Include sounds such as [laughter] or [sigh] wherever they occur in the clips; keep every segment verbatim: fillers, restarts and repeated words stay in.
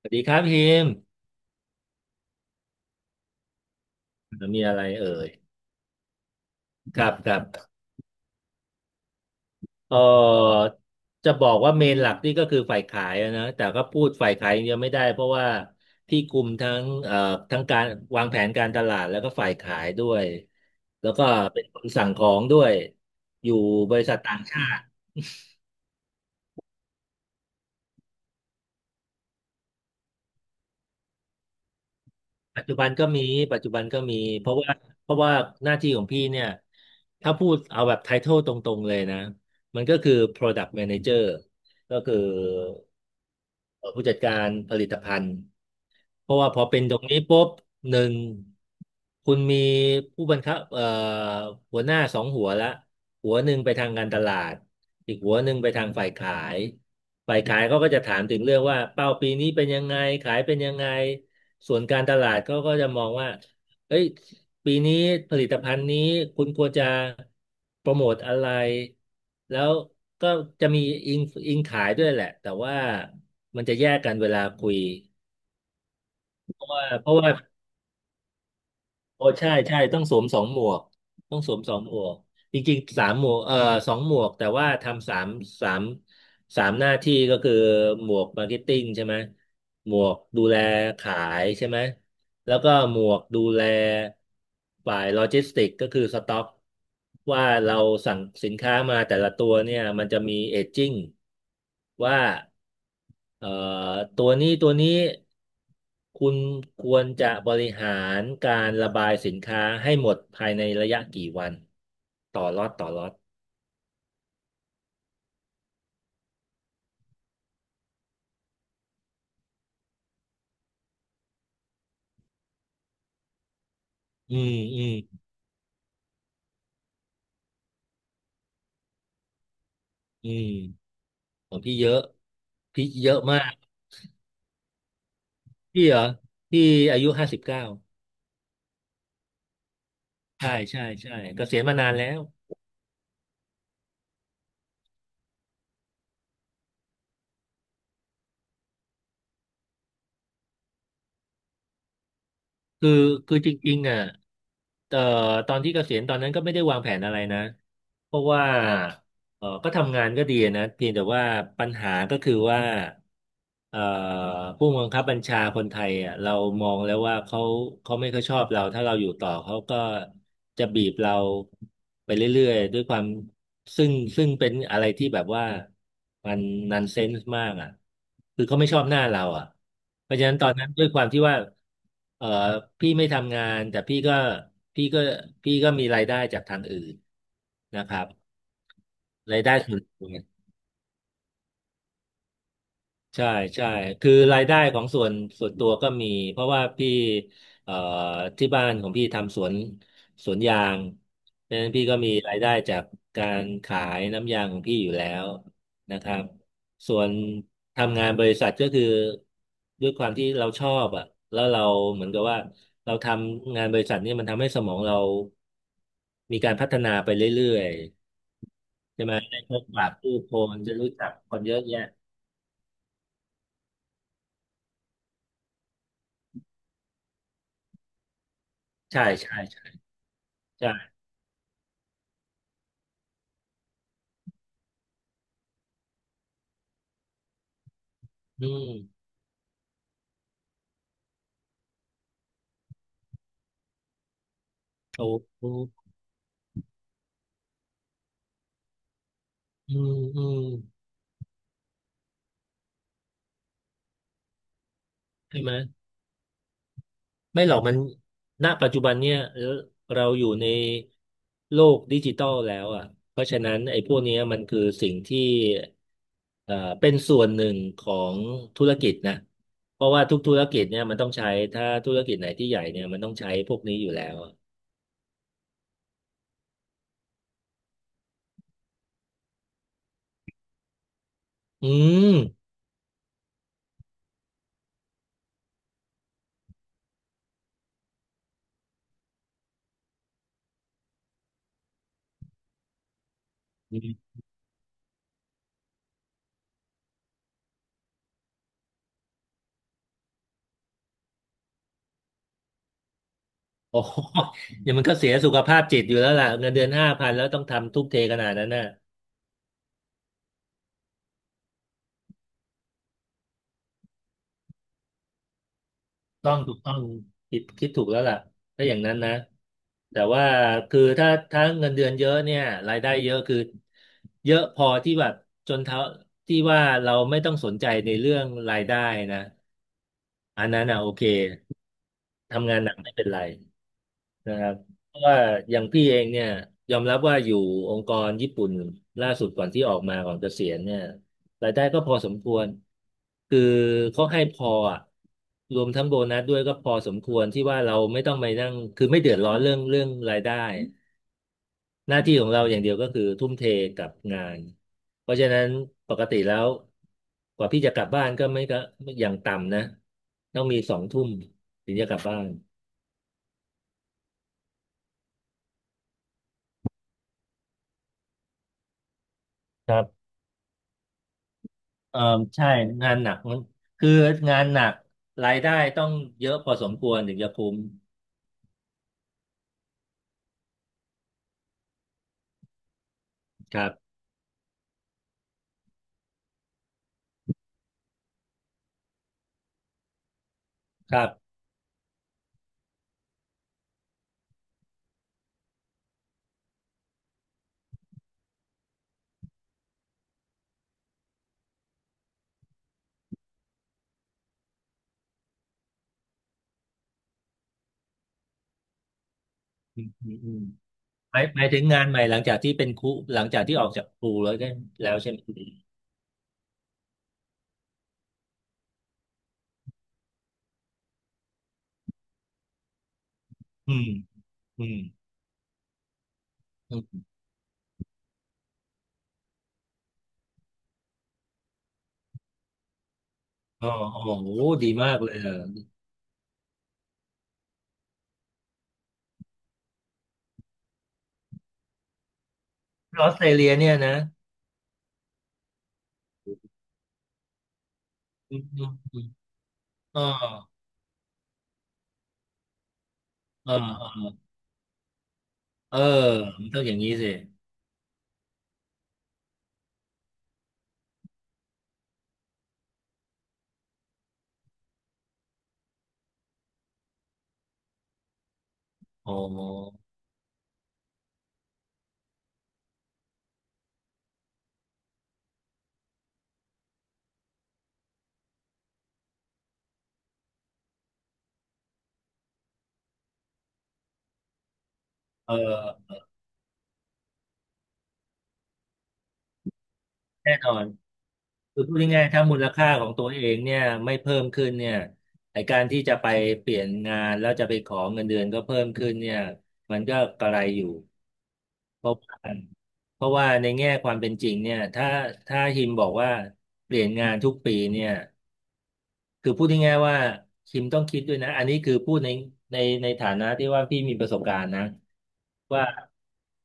สวัสดีครับพิมพ์มีอะไรเอ่ยครับครับเออจะบอกว่าเมนหลักนี่ก็คือฝ่ายขายอะนะแต่ก็พูดฝ่ายขายอย่างเดียวไม่ได้เพราะว่าพี่คุมทั้งเอ่อทั้งการวางแผนการตลาดแล้วก็ฝ่ายขายด้วยแล้วก็เป็นคนสั่งของด้วยอยู่บริษัทต่างชาติ ปัจจุบันก็มี ปัจจุบันก็มีเพราะว่าเพราะว่าหน้าที่ของพี่เนี่ย ถ้าพูดเอาแบบไททลตรงๆเลยนะ มันก็คือ Product Manager ก็คือผู้จัดการผลิตภัณฑ์ เพราะว่าพอเป็นตรงนี้ปุ๊บหนึ่งคุณมีผู้บังคับเอ่อหัวหน้าสองหัวละหัวหนึ่งไปทางการตลาดอีกหัวหนึ่งไปทางฝ่ายขายฝ่ายขายเขาก็จะถามถึงเรื่องว่าเป้าปีนี้เป็นยังไงขายเป็นยังไงส่วนการตลาดเขาก็จะมองว่าเอ้ยปีนี้ผลิตภัณฑ์นี้คุณควรจะโปรโมทอะไรแล้วก็จะมีอิงอิงขายด้วยแหละแต่ว่ามันจะแยกกันเวลาคุยเพราะว่าเพราะว่า โอ้ใช่ใช่ต้องสวมสองหมวกต้องสวมสองหมวกจริงๆสามหมวกเอ่อสองหมวกแต่ว่าทำสามสามสามหน้าที่ก็คือหมวกมาร์เก็ตติ้งใช่ไหมหมวกดูแลขายใช่ไหมแล้วก็หมวกดูแลฝ่ายโลจิสติกก็คือสต็อกว่าเราสั่งสินค้ามาแต่ละตัวเนี่ยมันจะมีเอจจิ้งว่า เอ่อตัวนี้ตัวนี้คุณควรจะบริหารการระบายสินค้าให้หมดภายในระยะกี่วันต่อล็อตต่อล็อตอืมอืมอืมของพี่เยอะพี่เยอะมากพี่เหรอพี่อายุห้าสิบเก้าใช่ใช่ใช่เกษียณมานานแล้วคือคือจริงๆอ่ะเอ่อตอนที่เกษียณตอนนั้นก็ไม่ได้วางแผนอะไรนะเพราะว่า เออก็ทำงานก็ดีนะเพียงแต่ว่าปัญหาก็คือว่าเอ่อผู้บังคับบัญชาคนไทยอ่ะเรามองแล้วว่าเขาเขาไม่ค่อยชอบเราถ้าเราอยู่ต่อเขาก็จะบีบเราไปเรื่อยๆด้วยความซึ่งซึ่งเป็นอะไรที่แบบว่ามันนันเซนส์มากอ่ะคือเขาไม่ชอบหน้าเราอ่ะเพราะฉะนั้นตอนนั้นด้วยความที่ว่าเออพี่ไม่ทำงานแต่พี่ก็พี่ก็พี่ก็มีรายได้จากทางอื่นนะครับ รายได้ส่วนตัวใช่ใช่คือรายได้ของส่วนส่วนตัวก็มีเพราะว่าพี่เอ่อที่บ้านของพี่ทำสวนสวนยางเพราะฉะนั้นพี่ก็มีรายได้จากการขายน้ำยางของพี่อยู่แล้วนะครับส่วนทำงานบริษัทก็คือด้วยความที่เราชอบอ่ะแล้วเราเหมือนกับว่าเราทำงานบริษัทเนี่ยมันทำให้สมองเรามีการพัฒนาไปเรื่อยๆใช่ไหมได้พบปะผู้คนจะรู้จักคนเยอะแยะ ใช่ใช่ใช่ใช่ อืมโอ้อืมอืมอืมใช่ไหมไม่หรอกมันณปัจจุบันเนี่ยเออเราอยู่ในโลกดิจิตอลแล้วอ่ะเพราะฉะนั้นไอ้พวกเนี้ยมันคือสิ่งที่เอ่อเป็นส่วนหนึ่งของธุรกิจนะเพราะว่าทุกธุรกิจเนี่ยมันต้องใช้ ถ้าธุรกิจไหนที่ใหญ่เนี่ยมันต้องใช้พวกนี้อยู่แล้วอะอืมโอ้โห [laughs] เดี๋ยวมันก็เสียสุขภาพจิตอยู่แล้วล่ะเงินเดือนห้าพันแล้วต้องทำทุ่มเทขนาดนั้นน่ะ ต้องถูกต้องคิดคิดถูกแล้วล่ะถ้าอย่างนั้นนะแต่ว่าคือถ้าถ้าเงินเดือนเยอะเนี่ยรายได้เยอะคือเยอะพอที่แบบจนเท่าที่ว่าเราไม่ต้องสนใจในเรื่องรายได้นะอันนั้นอ่ะโอเคทำงานหนักไม่เป็นไร นะครับเพราะว่าอย่างพี่เองเนี่ยยอมรับว่าอยู่องค์กรญี่ปุ่นล่าสุดก่อนที่ออกมาก่อนเกษียณเนี่ยรายได้ก็พอสมควรคือเขาให้พออะรวมทั้งโบนัสด้วยก็พอสมควรที่ว่าเราไม่ต้องไปนั่งคือไม่เดือดร้อนเรื่องเรื่องรายได้หน้าที่ของเราอย่างเดียวก็คือทุ่มเทกับงานเพราะฉะนั้นปกติแล้วกว่าพี่จะกลับบ้านก็ไม่ก็อย่างต่ำนะต้องมีสองทุ่มถึงจะกลับบ้านครับ เออใช่งานหนักมันคืองานหนักรายได้ต้องเยอะพอสมควรถึงจะคุ้มครับครับอืมอืมหมายหมายถึงงานใหม่หลังจากที่เป็นครูหลังจากที่ออกจากครูแล้วได้แล้วใช่ไหมอืมอืมอืมอ๋อโอ้โหดีมากเลยเออออสเตรเลียเนี่ยนะอืมอืมอืมอ๋อเออเออมันต้องอย่างนี้สิโอ้โหเออแน่นอน คือพูดง่ายๆถ้ามูลค่าของตัวเองเนี่ยไม่เพิ่มขึ้นเนี่ยไอการที่จะไปเปลี่ยนงานแล้วจะไปขอเงินเดือนก็เพิ่มขึ้นเนี่ยมันก็กระไรอยู่เพราะว่าเพราะว่าในแง่ความเป็นจริงเนี่ยถ้าถ้าฮิมบอกว่าเปลี่ยนงานทุกปีเนี่ยคือพูดง่ายๆว่าฮิมต้องคิดด้วยนะอันนี้คือพูดในในในฐานะที่ว่าพี่มีประสบการณ์นะ ว่า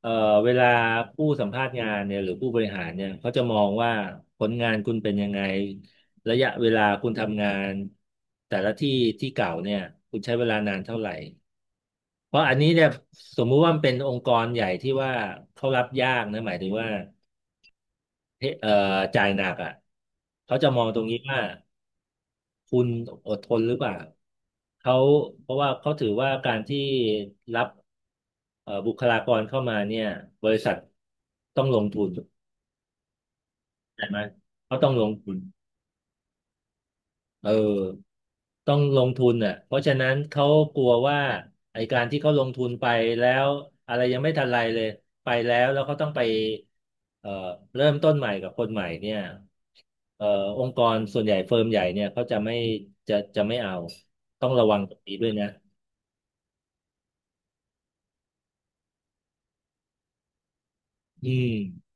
เอ่อเวลาผู้สัมภาษณ์งานเนี่ยหรือผู้บริหารเนี่ยเขาจะมองว่าผลงานคุณเป็นยังไงระยะเวลาคุณทำงานแต่ละที่ที่เก่าเนี่ยคุณใช้เวลานานเท่าไหร่เพราะอันนี้เนี่ยสมมุติว่ามันเป็นองค์กรใหญ่ที่ว่าเขารับยากนะหมายถึงว่าเอ่อจ่ายหนักอ่ะเขาจะมองตรงนี้ว่า คุณอดทนหรือเปล่าเขาเพราะว่าเขาถือว่าการที่รับเอ่อบุคลากรเข้ามาเนี่ยบริษัทต้องลงทุนใช่ไหมเขาต้องลงทุนเออต้องลงทุนอ่ะเพราะฉะนั้นเขากลัวว่าไอการที่เขาลงทุนไปแล้วอะไรยังไม่ทันไรเลยไปแล้วแล้วเขาต้องไปเอ่อเริ่มต้นใหม่กับคนใหม่เนี่ยเอ่อองค์กรส่วนใหญ่เฟิร์มใหญ่เนี่ยเขาจะไม่จะจะไม่เอาต้องระวังตรงนี้ด้วยนะ อืม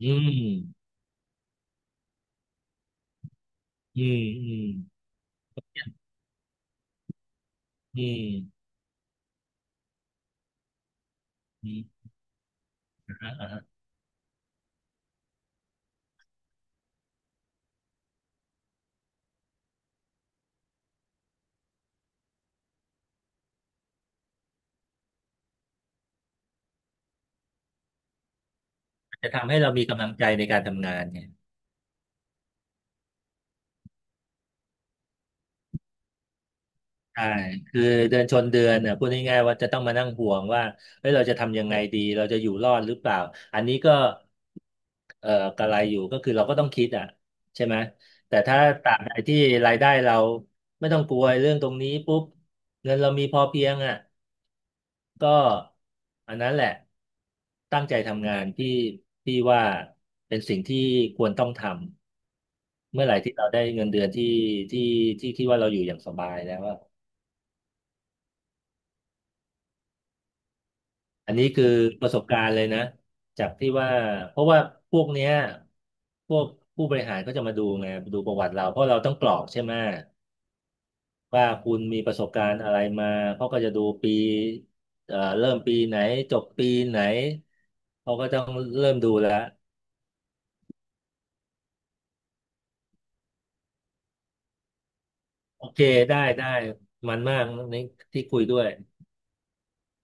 อืมอืมอืมอืมอืมอ่าฮะอ่าฮะจะทำให้เรามีกำลังใจในการทำงานเนี่ยใช่คือเดือนชนเดือนเนี่ยพูดง่ายๆว่าจะต้องมานั่งห่วงว่าเฮ้ยเราจะทำยังไงดีเราจะอยู่รอดหรือเปล่าอันนี้ก็เอ่อกระไรอยู่ก็คือเราก็ต้องคิดอ่ะใช่ไหมแต่ถ้าตราบใดที่รายได้เราไม่ต้องกลัวเรื่องตรงนี้ปุ๊บเงินเรามีพอเพียงอ่ะ ก็อันนั้นแหละตั้งใจทำงานที่ที่ว่าเป็นสิ่งที่ควรต้องทำเมื่อไหร่ที่เราได้เงินเดือนที่ที่ที่คิดว่าเราอยู่อย่างสบายแล้วอะอันนี้คือประสบการณ์เลยนะจากที่ว่าเพราะว่าพวกเนี้ยพวกผู้บริหารก็จะมาดูไงดูประวัติเราเพราะเราต้องกรอกใช่ไหมว่าคุณมีประสบการณ์อะไรมาเขาก็จะดูปีเอ่อเริ่มปีไหนจบปีไหนเขาก็ต้องเริ่มดูแล้ว โอเค ได้ ได้ มันมากนี่ที่คุยด้วย